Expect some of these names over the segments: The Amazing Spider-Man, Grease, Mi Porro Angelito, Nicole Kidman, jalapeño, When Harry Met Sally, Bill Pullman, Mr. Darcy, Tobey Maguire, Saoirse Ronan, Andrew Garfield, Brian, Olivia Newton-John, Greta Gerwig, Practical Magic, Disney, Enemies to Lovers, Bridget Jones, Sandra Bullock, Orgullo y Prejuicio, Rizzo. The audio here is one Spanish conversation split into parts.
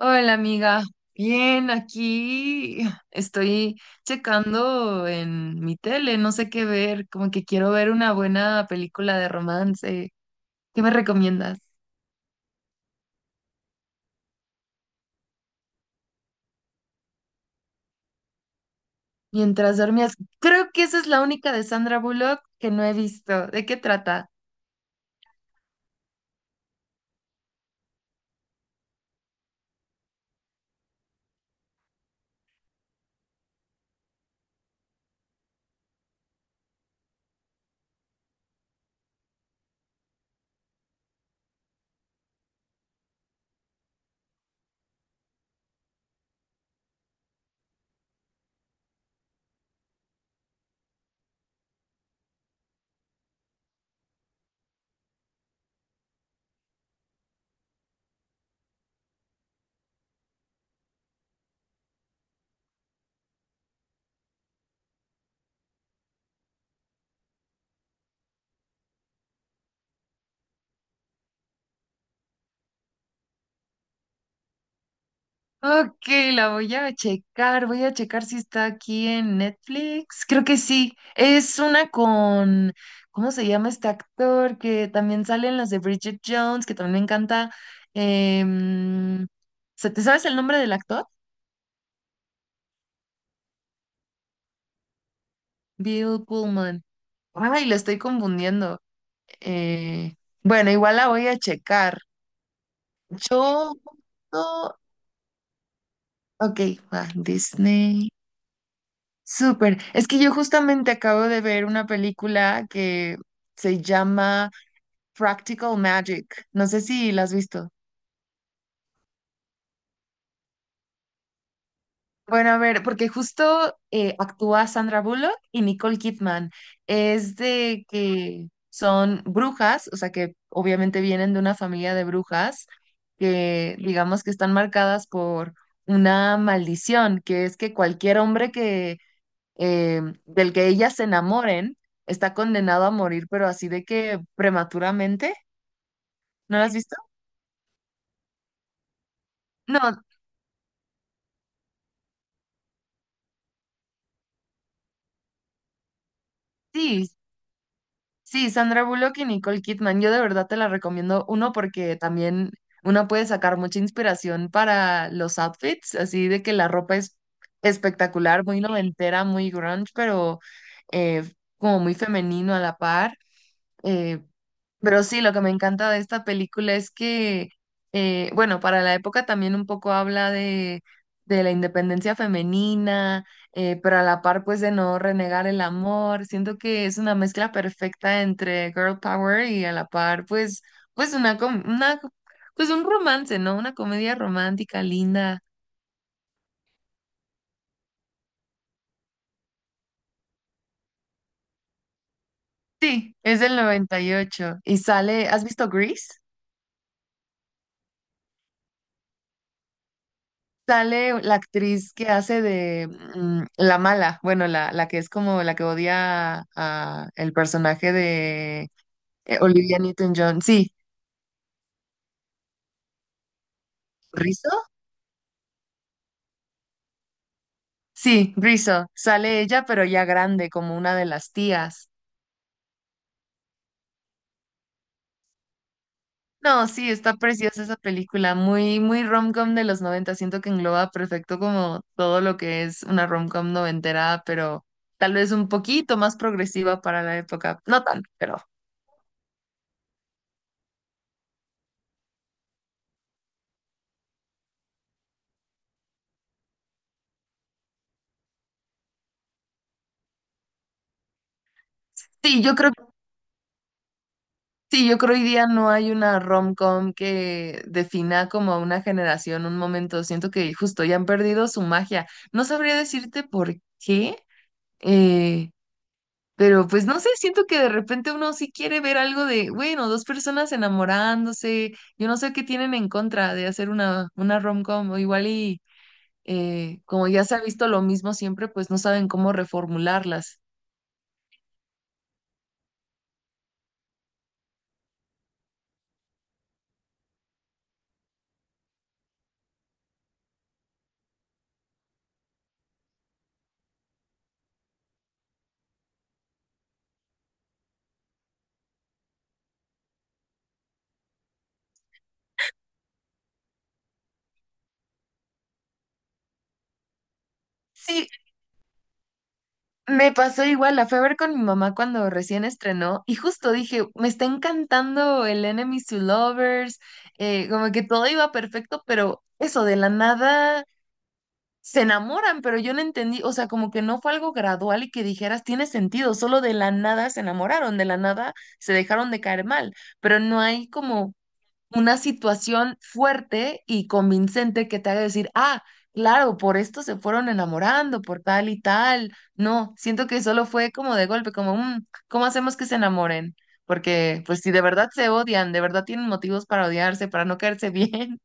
Hola amiga, bien, aquí estoy checando en mi tele, no sé qué ver, como que quiero ver una buena película de romance. ¿Qué me recomiendas? Mientras dormías, creo que esa es la única de Sandra Bullock que no he visto. ¿De qué trata? Ok, la voy a checar si está aquí en Netflix. Creo que sí. Es una con, ¿cómo se llama este actor? Que también sale en las de Bridget Jones, que también me encanta. Em, ¿te sabes el nombre del actor? Bill Pullman. Ay, lo estoy confundiendo. Eh, bueno, igual la voy a checar. Yo, no- Ok, va, Disney. Súper. Es que yo justamente acabo de ver una película que se llama Practical Magic. No sé si la has visto. Bueno, a ver, porque justo actúa Sandra Bullock y Nicole Kidman. Es de que son brujas, o sea que obviamente vienen de una familia de brujas que digamos que están marcadas por una maldición, que es que cualquier hombre que del que ellas se enamoren, está condenado a morir, pero así de que prematuramente. ¿No la has visto? No, sí, sí, Sandra Bullock y Nicole Kidman. Yo de verdad te la recomiendo. Uno, porque también uno puede sacar mucha inspiración para los outfits, así de que la ropa es espectacular, muy noventera, muy grunge, pero eh, como muy femenino a la par. Eh, Pero sí, lo que me encanta de esta película es que, bueno, para la época también un poco habla de la independencia femenina, pero a la par pues de no renegar el amor. Siento que es una mezcla perfecta entre girl power y a la par pues una, pues un romance, ¿no? Una comedia romántica linda. Sí, es del 98 y sale, ¿has visto Grease? Sale la actriz que hace de la mala, bueno, la que es como la que odia a el personaje de Olivia Newton-John. Sí, ¿Rizzo? Sí, Rizzo. Sale ella, pero ya grande, como una de las tías. No, sí, está preciosa esa película, muy, muy rom-com de los 90. Siento que engloba perfecto como todo lo que es una rom-com noventera, pero tal vez un poquito más progresiva para la época. No tan, pero sí, yo creo Sí, yo creo hoy día no hay una rom-com que defina como a una generación, un momento. Siento que justo ya han perdido su magia. No sabría decirte por qué, eh, pero pues no sé, siento que de repente uno sí quiere ver algo de, bueno, dos personas enamorándose. Yo no sé qué tienen en contra de hacer una rom-com o igual y como ya se ha visto lo mismo siempre, pues no saben cómo reformularlas. Sí, me pasó igual, la fui a ver con mi mamá cuando recién estrenó y justo dije, me está encantando el Enemies to Lovers, como que todo iba perfecto, pero eso, de la nada se enamoran, pero yo no entendí, o sea, como que no fue algo gradual y que dijeras, tiene sentido, solo de la nada se enamoraron, de la nada se dejaron de caer mal, pero no hay como una situación fuerte y convincente que te haga decir, ah, claro, por esto se fueron enamorando, por tal y tal. No, siento que solo fue como de golpe, como, "Mm, ¿cómo hacemos que se enamoren? Porque, pues, si de verdad se odian, de verdad tienen motivos para odiarse, para no caerse bien,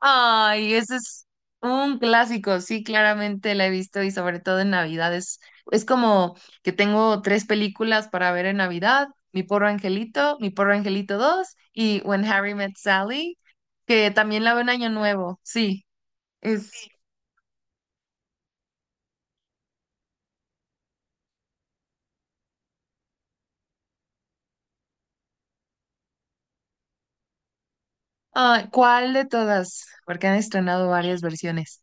Ay, ese es un clásico, sí, claramente la he visto y sobre todo en Navidad. Es como que tengo tres películas para ver en Navidad, Mi Porro Angelito, Mi Porro Angelito 2 y When Harry Met Sally, que también la veo en Año Nuevo, sí. Sí. Ah, ¿cuál de todas? Porque han estrenado varias versiones.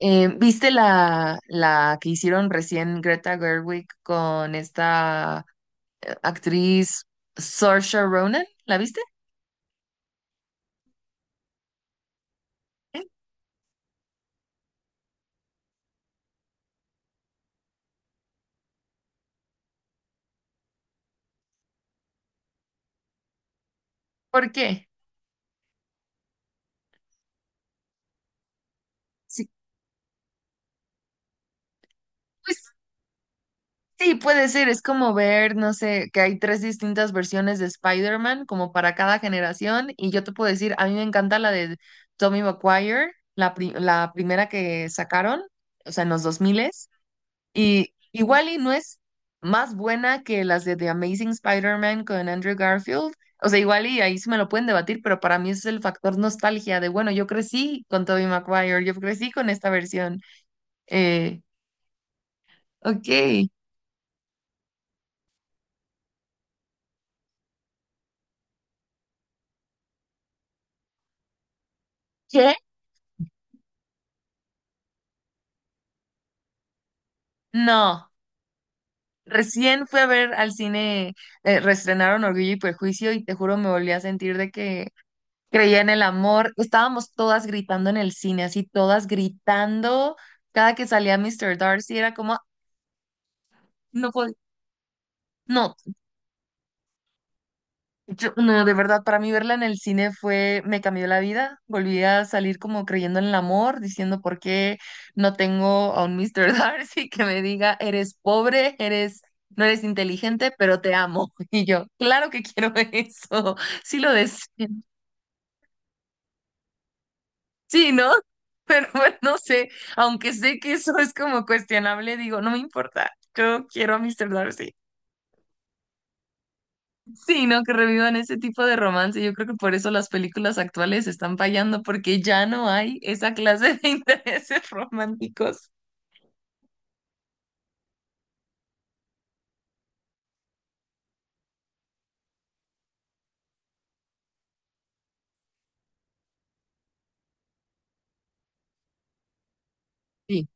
¿Viste la que hicieron recién Greta Gerwig con esta actriz Saoirse Ronan? ¿La viste? ¿Por qué? Sí, pues sí, puede ser. Es como ver, no sé, que hay tres distintas versiones de Spider-Man, como para cada generación. Y yo te puedo decir, a mí me encanta la de Tobey Maguire, la primera que sacaron, o sea, en los 2000. Y igual y no es más buena que las de The Amazing Spider-Man con Andrew Garfield. O sea, igual y ahí sí me lo pueden debatir, pero para mí ese es el factor nostalgia de, bueno, yo crecí con Tobey Maguire, yo crecí con esta versión. Eh, ok. ¿Qué? No, recién fui a ver al cine, reestrenaron Orgullo y Prejuicio y te juro me volví a sentir de que creía en el amor. Estábamos todas gritando en el cine, así todas gritando. Cada que salía Mr. Darcy era como, no puedo, no, no, de verdad, para mí verla en el cine fue, me cambió la vida. Volví a salir como creyendo en el amor, diciendo por qué no tengo a un Mr. Darcy que me diga, eres pobre, eres, no eres inteligente, pero te amo. Y yo, claro que quiero eso, sí lo deseo. Sí, ¿no? Pero bueno, no sé, aunque sé que eso es como cuestionable, digo, no me importa, yo quiero a Mr. Darcy. Sí, no, que revivan ese tipo de romance. Yo creo que por eso las películas actuales están fallando, porque ya no hay esa clase de intereses románticos. Sí.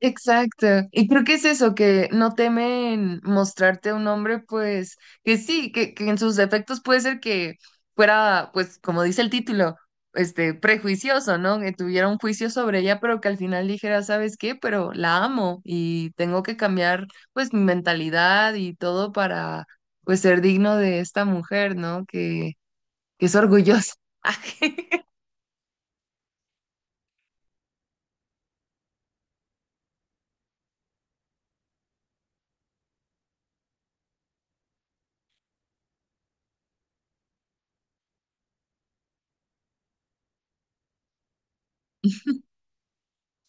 Exacto. Y creo que es eso, que no temen mostrarte a un hombre, pues, que sí, que en sus defectos puede ser que fuera, pues, como dice el título, este, prejuicioso, ¿no? Que tuviera un juicio sobre ella, pero que al final dijera, ¿sabes qué? Pero la amo y tengo que cambiar, pues, mi mentalidad y todo para, pues, ser digno de esta mujer, ¿no? Que es orgullosa.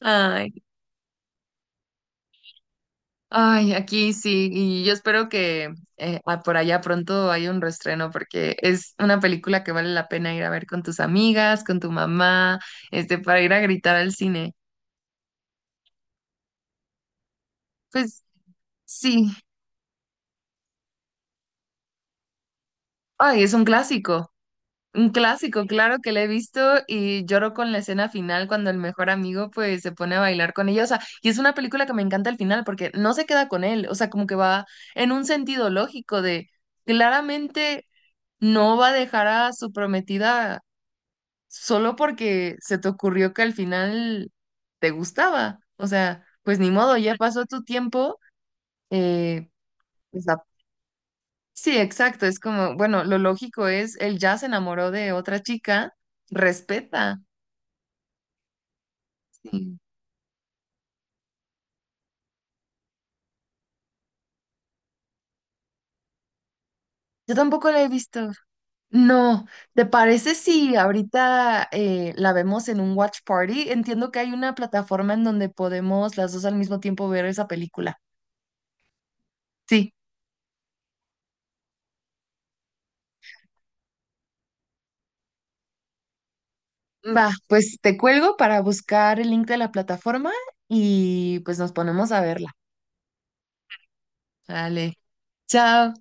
Ay, ay, aquí sí, y yo espero que por allá pronto haya un reestreno porque es una película que vale la pena ir a ver con tus amigas, con tu mamá, este, para ir a gritar al cine. Pues sí, ay, es un clásico, claro que la he visto y lloro con la escena final cuando el mejor amigo pues se pone a bailar con ella, o sea, y es una película que me encanta al final porque no se queda con él, o sea, como que va en un sentido lógico de claramente no va a dejar a su prometida solo porque se te ocurrió que al final te gustaba. O sea, pues ni modo, ya pasó tu tiempo. eh, pues la- Sí, exacto. Es como, bueno, lo lógico es, él ya se enamoró de otra chica, respeta. Sí. Yo tampoco la he visto. No, ¿te parece si ahorita la vemos en un watch party? Entiendo que hay una plataforma en donde podemos las dos al mismo tiempo ver esa película. Sí. Va, pues te cuelgo para buscar el link de la plataforma y pues nos ponemos a verla. Dale. Chao.